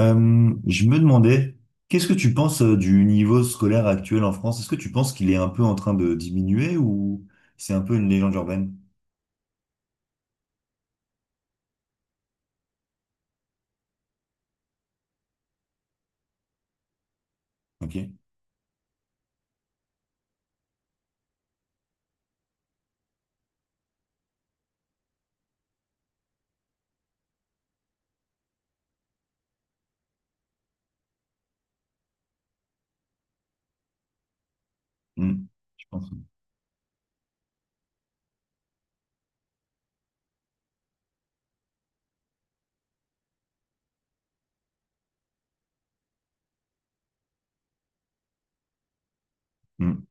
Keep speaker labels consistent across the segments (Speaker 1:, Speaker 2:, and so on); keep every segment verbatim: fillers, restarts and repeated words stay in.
Speaker 1: Euh, je me demandais, qu'est-ce que tu penses euh, du niveau scolaire actuel en France? Est-ce que tu penses qu'il est un peu en train de diminuer ou c'est un peu une légende urbaine? Ok. Hmm. Je pense. Hmm.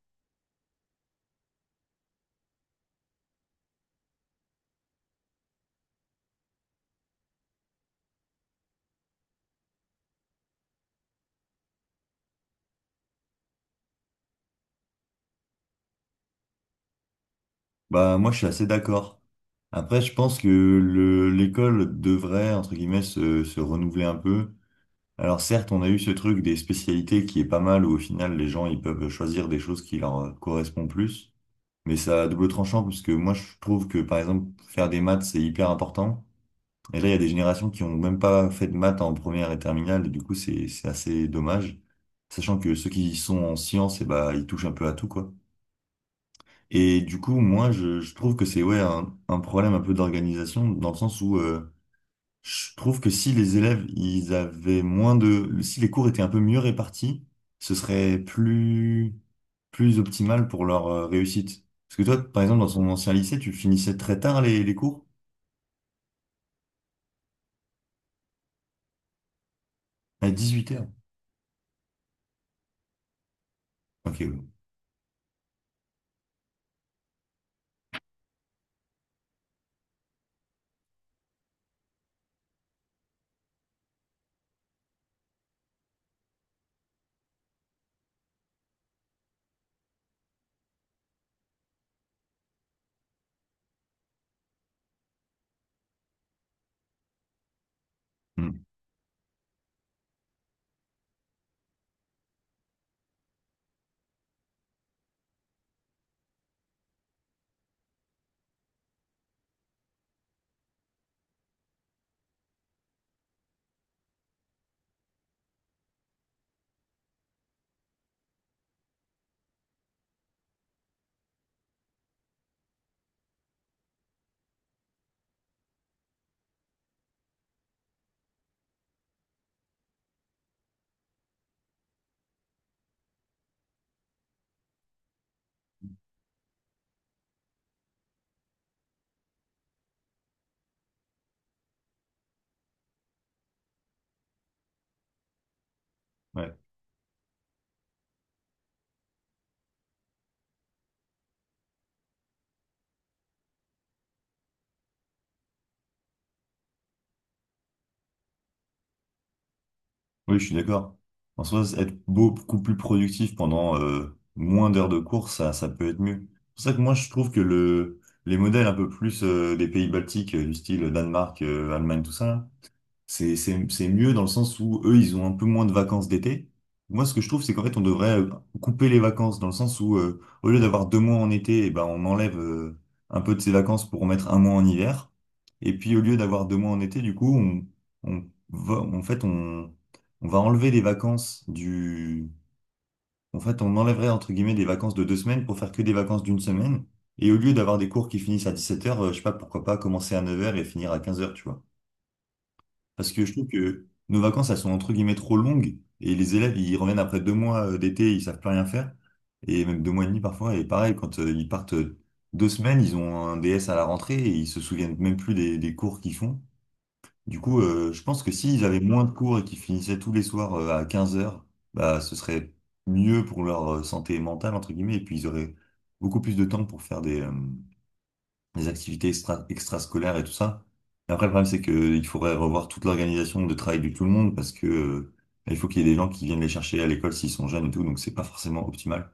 Speaker 1: Bah moi je suis assez d'accord. Après je pense que le l'école devrait entre guillemets se, se renouveler un peu. Alors certes on a eu ce truc des spécialités qui est pas mal où au final les gens ils peuvent choisir des choses qui leur euh, correspondent plus. Mais ça à double tranchant parce que moi je trouve que par exemple faire des maths c'est hyper important. Et là, il y a des générations qui ont même pas fait de maths en première et terminale, et du coup, c'est, c'est assez dommage. Sachant que ceux qui sont en sciences, et bah, ils touchent un peu à tout, quoi. Et du coup, moi, je, je trouve que c'est, ouais, un, un problème un peu d'organisation, dans le sens où, euh, je trouve que si les élèves, ils avaient moins de, si les cours étaient un peu mieux répartis, ce serait plus, plus optimal pour leur euh, réussite. Parce que toi, par exemple, dans ton ancien lycée, tu finissais très tard les, les cours, à dix-huit heures. Ok, ouais. Hmm. Ouais. Oui, je suis d'accord. En soi, être beaucoup plus productif pendant euh, moins d'heures de course, ça, ça peut être mieux. C'est pour ça que moi, je trouve que le, les modèles un peu plus euh, des pays baltiques, euh, du style Danemark, euh, Allemagne, tout ça, c'est, c'est, c'est mieux dans le sens où eux, ils ont un peu moins de vacances d'été. Moi, ce que je trouve, c'est qu'en fait, on devrait euh, couper les vacances dans le sens où, euh, au lieu d'avoir deux mois en été, eh ben, on enlève euh, un peu de ces vacances pour mettre un mois en hiver. Et puis, au lieu d'avoir deux mois en été, du coup, on, on va, en fait, on, on va enlever les vacances du, en fait, on enlèverait entre guillemets des vacances de deux semaines pour faire que des vacances d'une semaine. Et au lieu d'avoir des cours qui finissent à dix-sept heures euh, je sais pas, pourquoi pas commencer à neuf heures et finir à quinze heures tu vois. Parce que je trouve que nos vacances, elles sont entre guillemets trop longues et les élèves, ils reviennent après deux mois euh, d'été, ils savent plus rien faire. Et même deux mois et demi parfois. Et pareil, quand euh, ils partent euh, deux semaines, ils ont un D S à la rentrée et ils se souviennent même plus des, des cours qu'ils font. Du coup, euh, je pense que s'ils avaient moins de cours et qu'ils finissaient tous les soirs euh, à quinze heures bah, ce serait mieux pour leur euh, santé mentale, entre guillemets, et puis ils auraient beaucoup plus de temps pour faire des, euh, les activités extra extrascolaires et tout ça. Et après, le problème, c'est que il faudrait revoir toute l'organisation de travail de tout le monde parce que euh, il faut qu'il y ait des gens qui viennent les chercher à l'école s'ils sont jeunes et tout, donc c'est pas forcément optimal.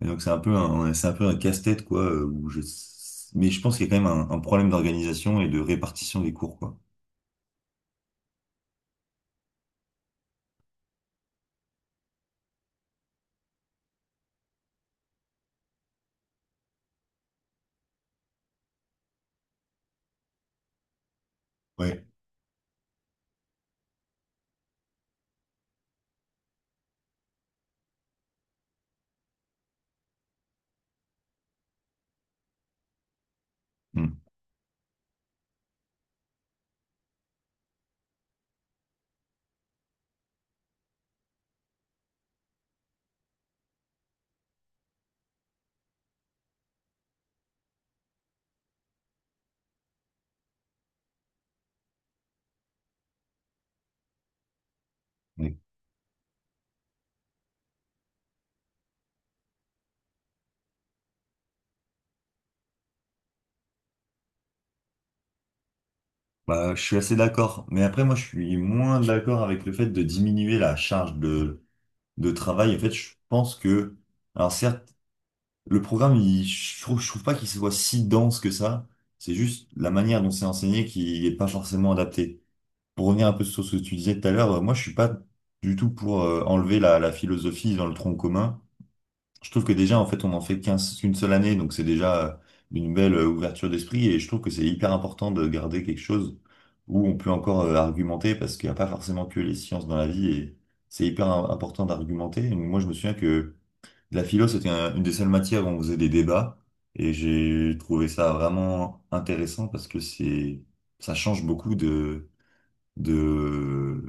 Speaker 1: Et donc c'est un peu un, c'est un peu un casse-tête quoi. euh, Où je... Mais je pense qu'il y a quand même un, un problème d'organisation et de répartition des cours quoi. Ouais. Hmm. Oui. Bah, je suis assez d'accord, mais après moi je suis moins d'accord avec le fait de diminuer la charge de, de travail. En fait, je pense que, alors certes, Le programme, il, je trouve, je trouve pas qu'il soit si dense que ça. C'est juste la manière dont c'est enseigné qui est pas forcément adaptée. Pour revenir un peu sur ce que tu disais tout à l'heure, euh, moi, je suis pas du tout pour euh, enlever la, la philosophie dans le tronc commun. Je trouve que déjà, en fait, on en fait qu'un- qu'une seule année, donc c'est déjà euh, une belle euh, ouverture d'esprit et je trouve que c'est hyper important de garder quelque chose où on peut encore euh, argumenter parce qu'il n'y a pas forcément que les sciences dans la vie et c'est hyper im- important d'argumenter. Donc, moi, je me souviens que la philo, c'était un- une des seules matières où on faisait des débats et j'ai trouvé ça vraiment intéressant parce que c'est, ça change beaucoup de, de,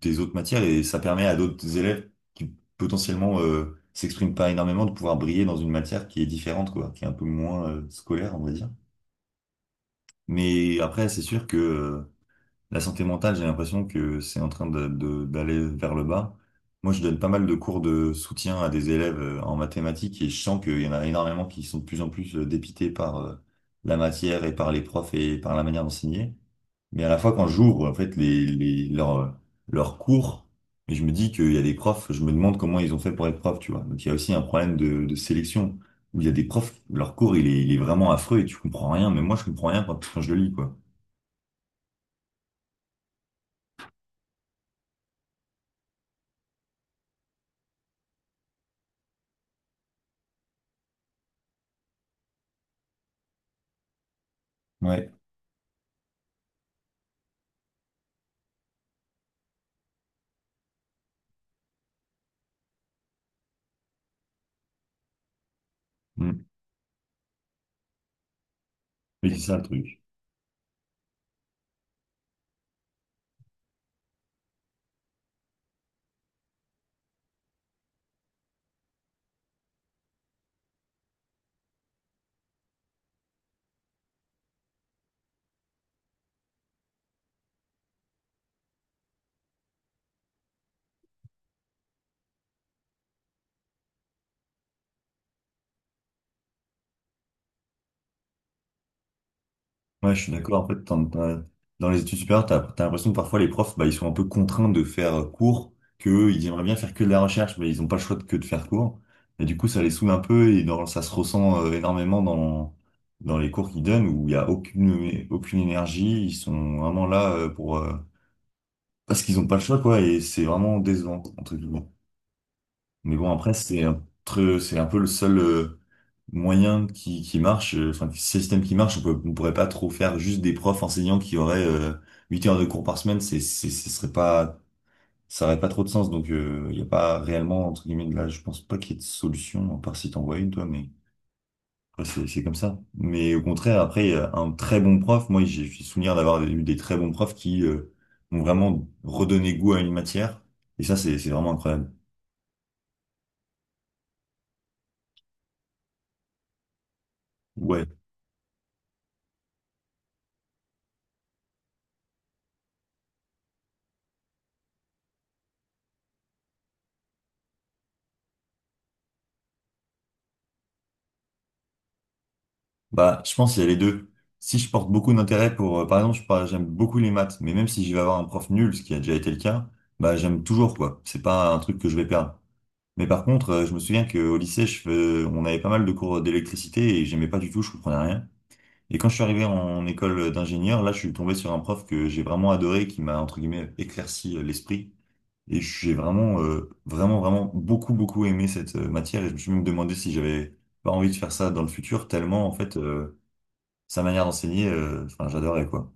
Speaker 1: des autres matières et ça permet à d'autres élèves qui potentiellement euh, s'expriment pas énormément de pouvoir briller dans une matière qui est différente, quoi, qui est un peu moins euh, scolaire, on va dire. Mais après, c'est sûr que euh, la santé mentale, j'ai l'impression que c'est en train de, de- d'aller vers le bas. Moi, je donne pas mal de cours de soutien à des élèves euh, en mathématiques et je sens qu'il y en a énormément qui sont de plus en plus euh, dépités par euh, la matière et par les profs et par la manière d'enseigner. Mais à la fois, quand j'ouvre, en fait, les, les, leurs, leurs cours, et je me dis qu'il y a des profs, je me demande comment ils ont fait pour être profs, tu vois. Donc, il y a aussi un problème de, de sélection où il y a des profs, leur cours, il est, il est vraiment affreux et tu comprends rien. Mais moi, je comprends rien quand, quand je le lis, quoi. Ouais. Mm. Mais c'est ça le truc. Ouais, je suis d'accord. En fait, t'en- t'en- Dans les études supérieures, t'as, t'as l'impression que parfois les profs, bah, ils sont un peu contraints de faire euh, cours, qu'eux, ils aimeraient bien faire que de la recherche, mais ils n'ont pas le choix de- que de faire cours. Et du coup, ça les saoule un peu et dans- ça se ressent euh, énormément dans, dans les cours qu'ils donnent où il n'y a aucune, aucune énergie. Ils sont vraiment là euh, pour, euh, parce qu'ils n'ont pas le choix, quoi, et c'est vraiment décevant, entre guillemets. Mais bon, après, c'est un, tr- c'est un peu le seul euh, moyen qui, qui marche, euh, enfin, qui- système qui marche, on peut, on pourrait pas trop faire juste des profs enseignants qui auraient euh, huit heures de cours par semaine, c'est, c'est, ce serait pas, ça aurait pas trop de sens, donc euh, il n'y a pas réellement, entre guillemets, de là, je pense pas qu'il y ait de solution, à part si t'en vois une, toi, mais après, c'est c'est comme ça. Mais au contraire, après, il y a un très bon prof, moi, j'ai j'ai souvenir d'avoir eu des très bons profs qui euh, m'ont vraiment redonné goût à une matière, et ça, c'est c'est vraiment incroyable. Ouais. Bah, je pense qu'il y a les deux. Si je porte beaucoup d'intérêt pour, euh, par exemple, je par- j'aime beaucoup les maths, mais même si je vais avoir un prof nul, ce qui a déjà été le cas, bah, j'aime toujours, quoi. C'est pas un truc que je vais perdre. Mais par contre, euh, je me souviens qu'au lycée, je fais- on avait pas mal de cours d'électricité et j'aimais pas du tout, je comprenais rien. Et quand je suis arrivé en école d'ingénieur, là, je suis tombé sur un prof que j'ai vraiment adoré, qui m'a, entre guillemets, éclairci euh, l'esprit. Et j'ai vraiment, euh, vraiment, vraiment beaucoup, beaucoup aimé cette euh, matière et je me suis même demandé si j'avais pas envie de faire ça dans le futur, tellement, en fait, euh, sa manière d'enseigner, euh, enfin, j'adorais, quoi.